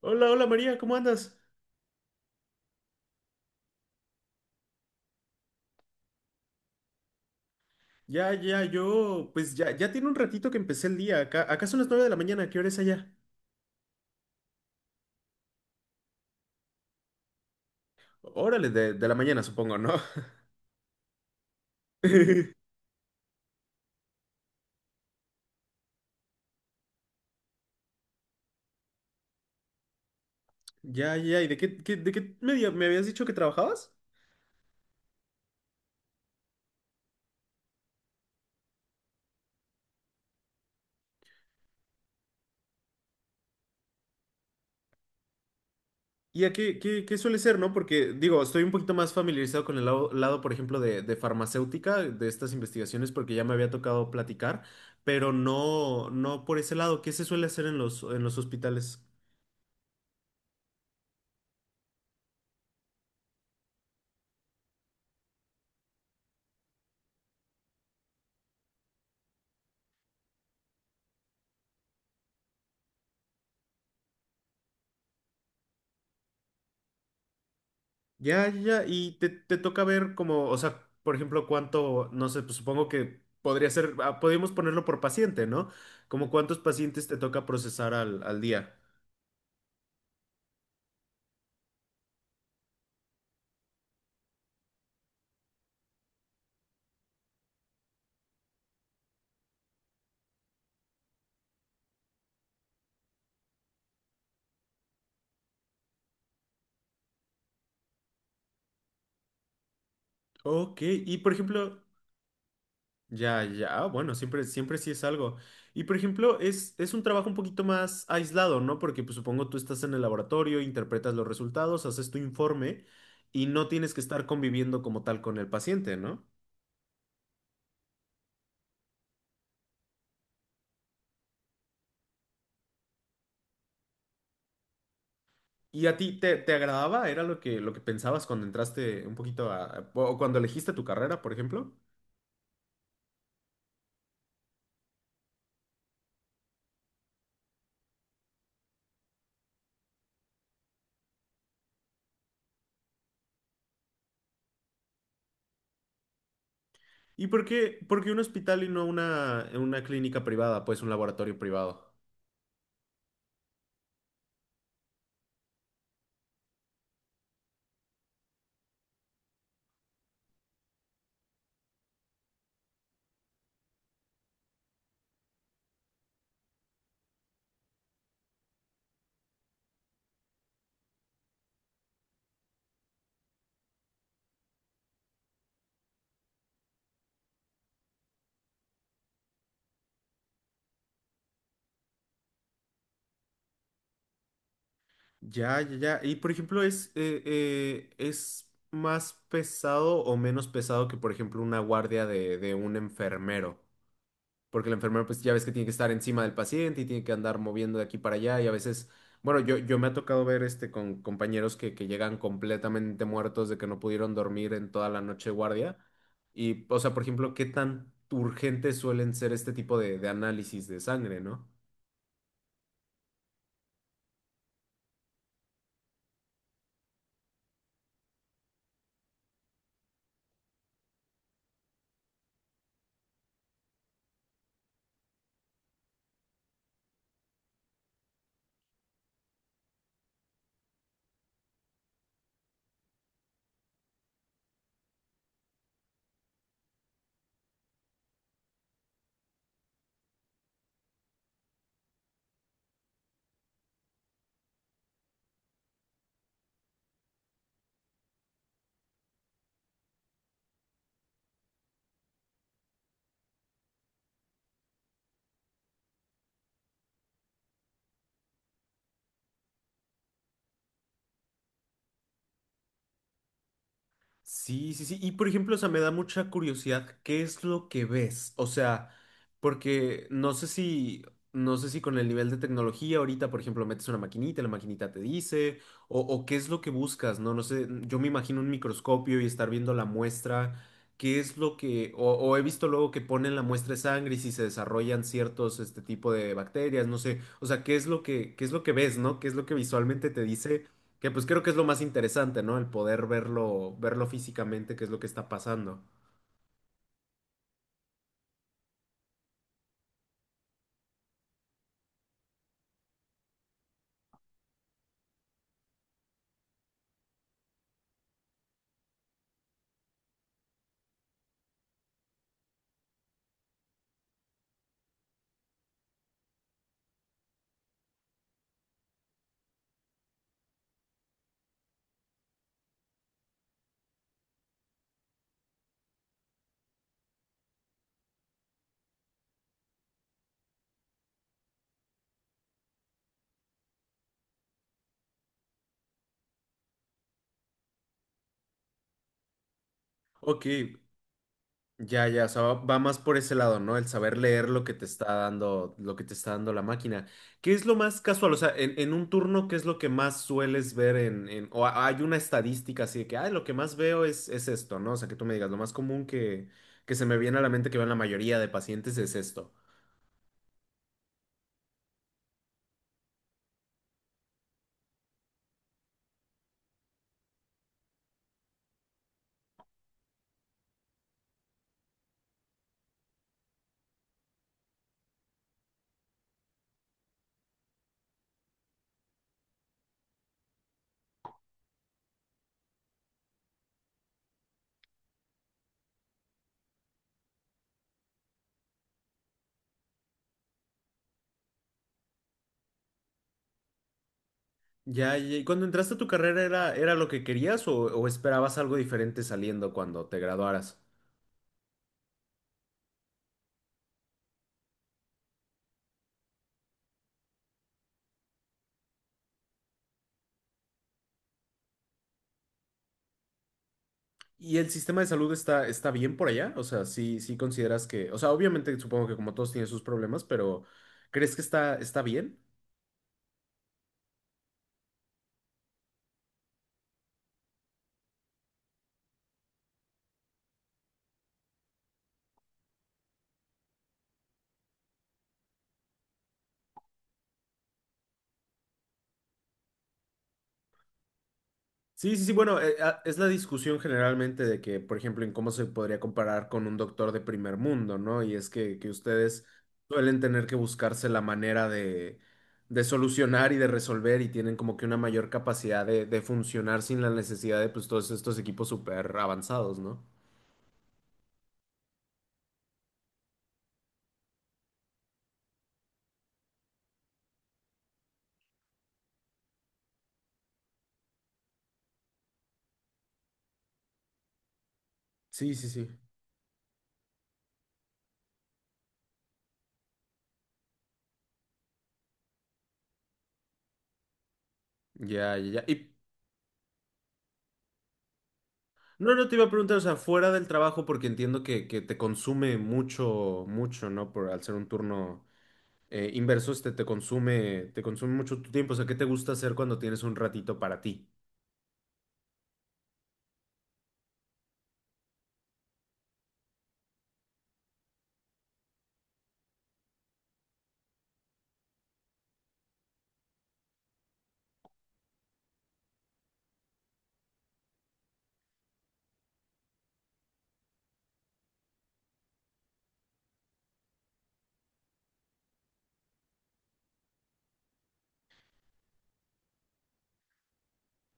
Hola, hola María, ¿cómo andas? Ya, yo, pues ya tiene un ratito que empecé el día. Acá son las 9 de la mañana, ¿qué hora es allá? Órale, de la mañana, supongo, ¿no? Ya, ya, ¿y de qué media me habías dicho que trabajabas? ¿Y a qué suele ser, no? Porque, digo, estoy un poquito más familiarizado con el lado, por ejemplo, de farmacéutica, de estas investigaciones, porque ya me había tocado platicar, pero no, no por ese lado. ¿Qué se suele hacer en los hospitales? Ya, ya, ya. Y te toca ver como, o sea, por ejemplo, cuánto, no sé, pues supongo que podría ser, ah, podríamos ponerlo por paciente, ¿no? Como cuántos pacientes te toca procesar al día. Ok, y por ejemplo, ya, ya, ah, bueno, siempre, siempre sí es algo. Y por ejemplo, es un trabajo un poquito más aislado, ¿no? Porque pues supongo tú estás en el laboratorio, interpretas los resultados, haces tu informe y no tienes que estar conviviendo como tal con el paciente, ¿no? ¿Y a ti te agradaba? ¿Era lo que pensabas cuando entraste un poquito o cuando elegiste tu carrera, por ejemplo? ¿Y por qué un hospital y no una clínica privada, pues un laboratorio privado? Ya, ya, ya. Y por ejemplo, es más pesado o menos pesado que, por ejemplo, una guardia de un enfermero? Porque el enfermero pues ya ves que tiene que estar encima del paciente y tiene que andar moviendo de aquí para allá y a veces, bueno, yo me ha tocado ver este con compañeros que llegan completamente muertos de que no pudieron dormir en toda la noche de guardia y, o sea, por ejemplo, ¿qué tan urgentes suelen ser este tipo de análisis de sangre, ¿no? Sí, sí, sí. Y por ejemplo, o sea, me da mucha curiosidad, ¿qué es lo que ves? O sea, porque no sé si, no sé si con el nivel de tecnología ahorita, por ejemplo, metes una maquinita, y la maquinita te dice, o qué es lo que buscas, ¿no? No sé, yo me imagino un microscopio y estar viendo la muestra, ¿qué es lo que, o he visto luego que ponen la muestra de sangre y si se desarrollan ciertos, este tipo de bacterias, no sé, o sea, ¿qué es lo que, qué es lo que ves, ¿no? ¿Qué es lo que visualmente te dice? Que pues creo que es lo más interesante, ¿no? El poder verlo, verlo físicamente, qué es lo que está pasando. Ok, ya, ya, o sea, va más por ese lado, ¿no? El saber leer lo que te está dando, lo que te está dando la máquina. ¿Qué es lo más casual? O sea, en un turno, ¿qué es lo que más sueles ver o ha- hay una estadística así de que, ay, lo que más veo es esto, ¿no? O sea, que tú me digas, lo más común que se me viene a la mente que vean la mayoría de pacientes es esto. Ya, ya, ¿y cuando entraste a tu carrera era, era lo que querías o esperabas algo diferente saliendo cuando te graduaras? ¿Y el sistema de salud está, está bien por allá? O sea, sí, sí consideras que, o sea, obviamente supongo que como todos tienen sus problemas, pero ¿crees que está, está bien? Sí, sí, sí, bueno, es la discusión generalmente de que, por ejemplo, en cómo se podría comparar con un doctor de primer mundo, ¿no? Y es que ustedes suelen tener que buscarse la manera de solucionar y de resolver y tienen como que una mayor capacidad de funcionar sin la necesidad de pues todos estos equipos súper avanzados, ¿no? Sí, sí, sí. Ya, ya, ya. Y no, no te iba a preguntar, o sea, fuera del trabajo, porque entiendo que te consume mucho, ¿no? Por al ser un turno. Inversos te consume, te consume mucho tu tiempo. O sea, ¿qué te gusta hacer cuando tienes un ratito para ti?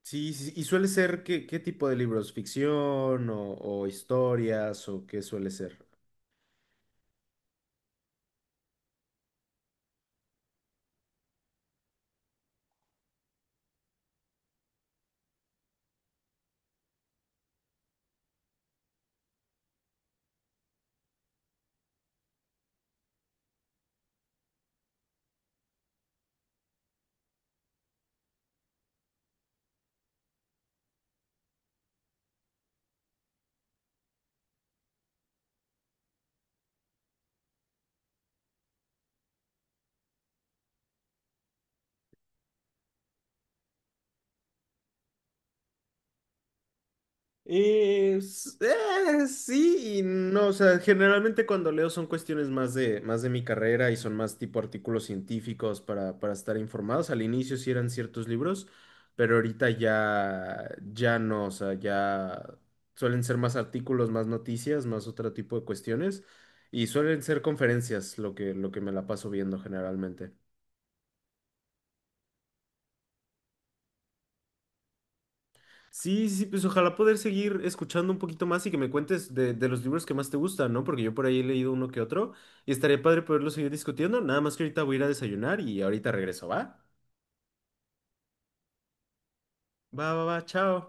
Sí, sí, y suele ser qué tipo de libros, ficción o historias o qué suele ser. Sí y no, o sea, generalmente cuando leo son cuestiones más de mi carrera y son más tipo artículos científicos para estar informados. Al inicio sí eran ciertos libros, pero ahorita ya no, o sea, ya suelen ser más artículos, más noticias, más otro tipo de cuestiones y suelen ser conferencias lo que me la paso viendo generalmente. Sí, sí, sí, pues ojalá poder seguir escuchando un poquito más y que me cuentes de los libros que más te gustan, ¿no? Porque yo por ahí he leído uno que otro y estaría padre poderlo seguir discutiendo. Nada más que ahorita voy a ir a desayunar y ahorita regreso, ¿va? Va, va, va, chao.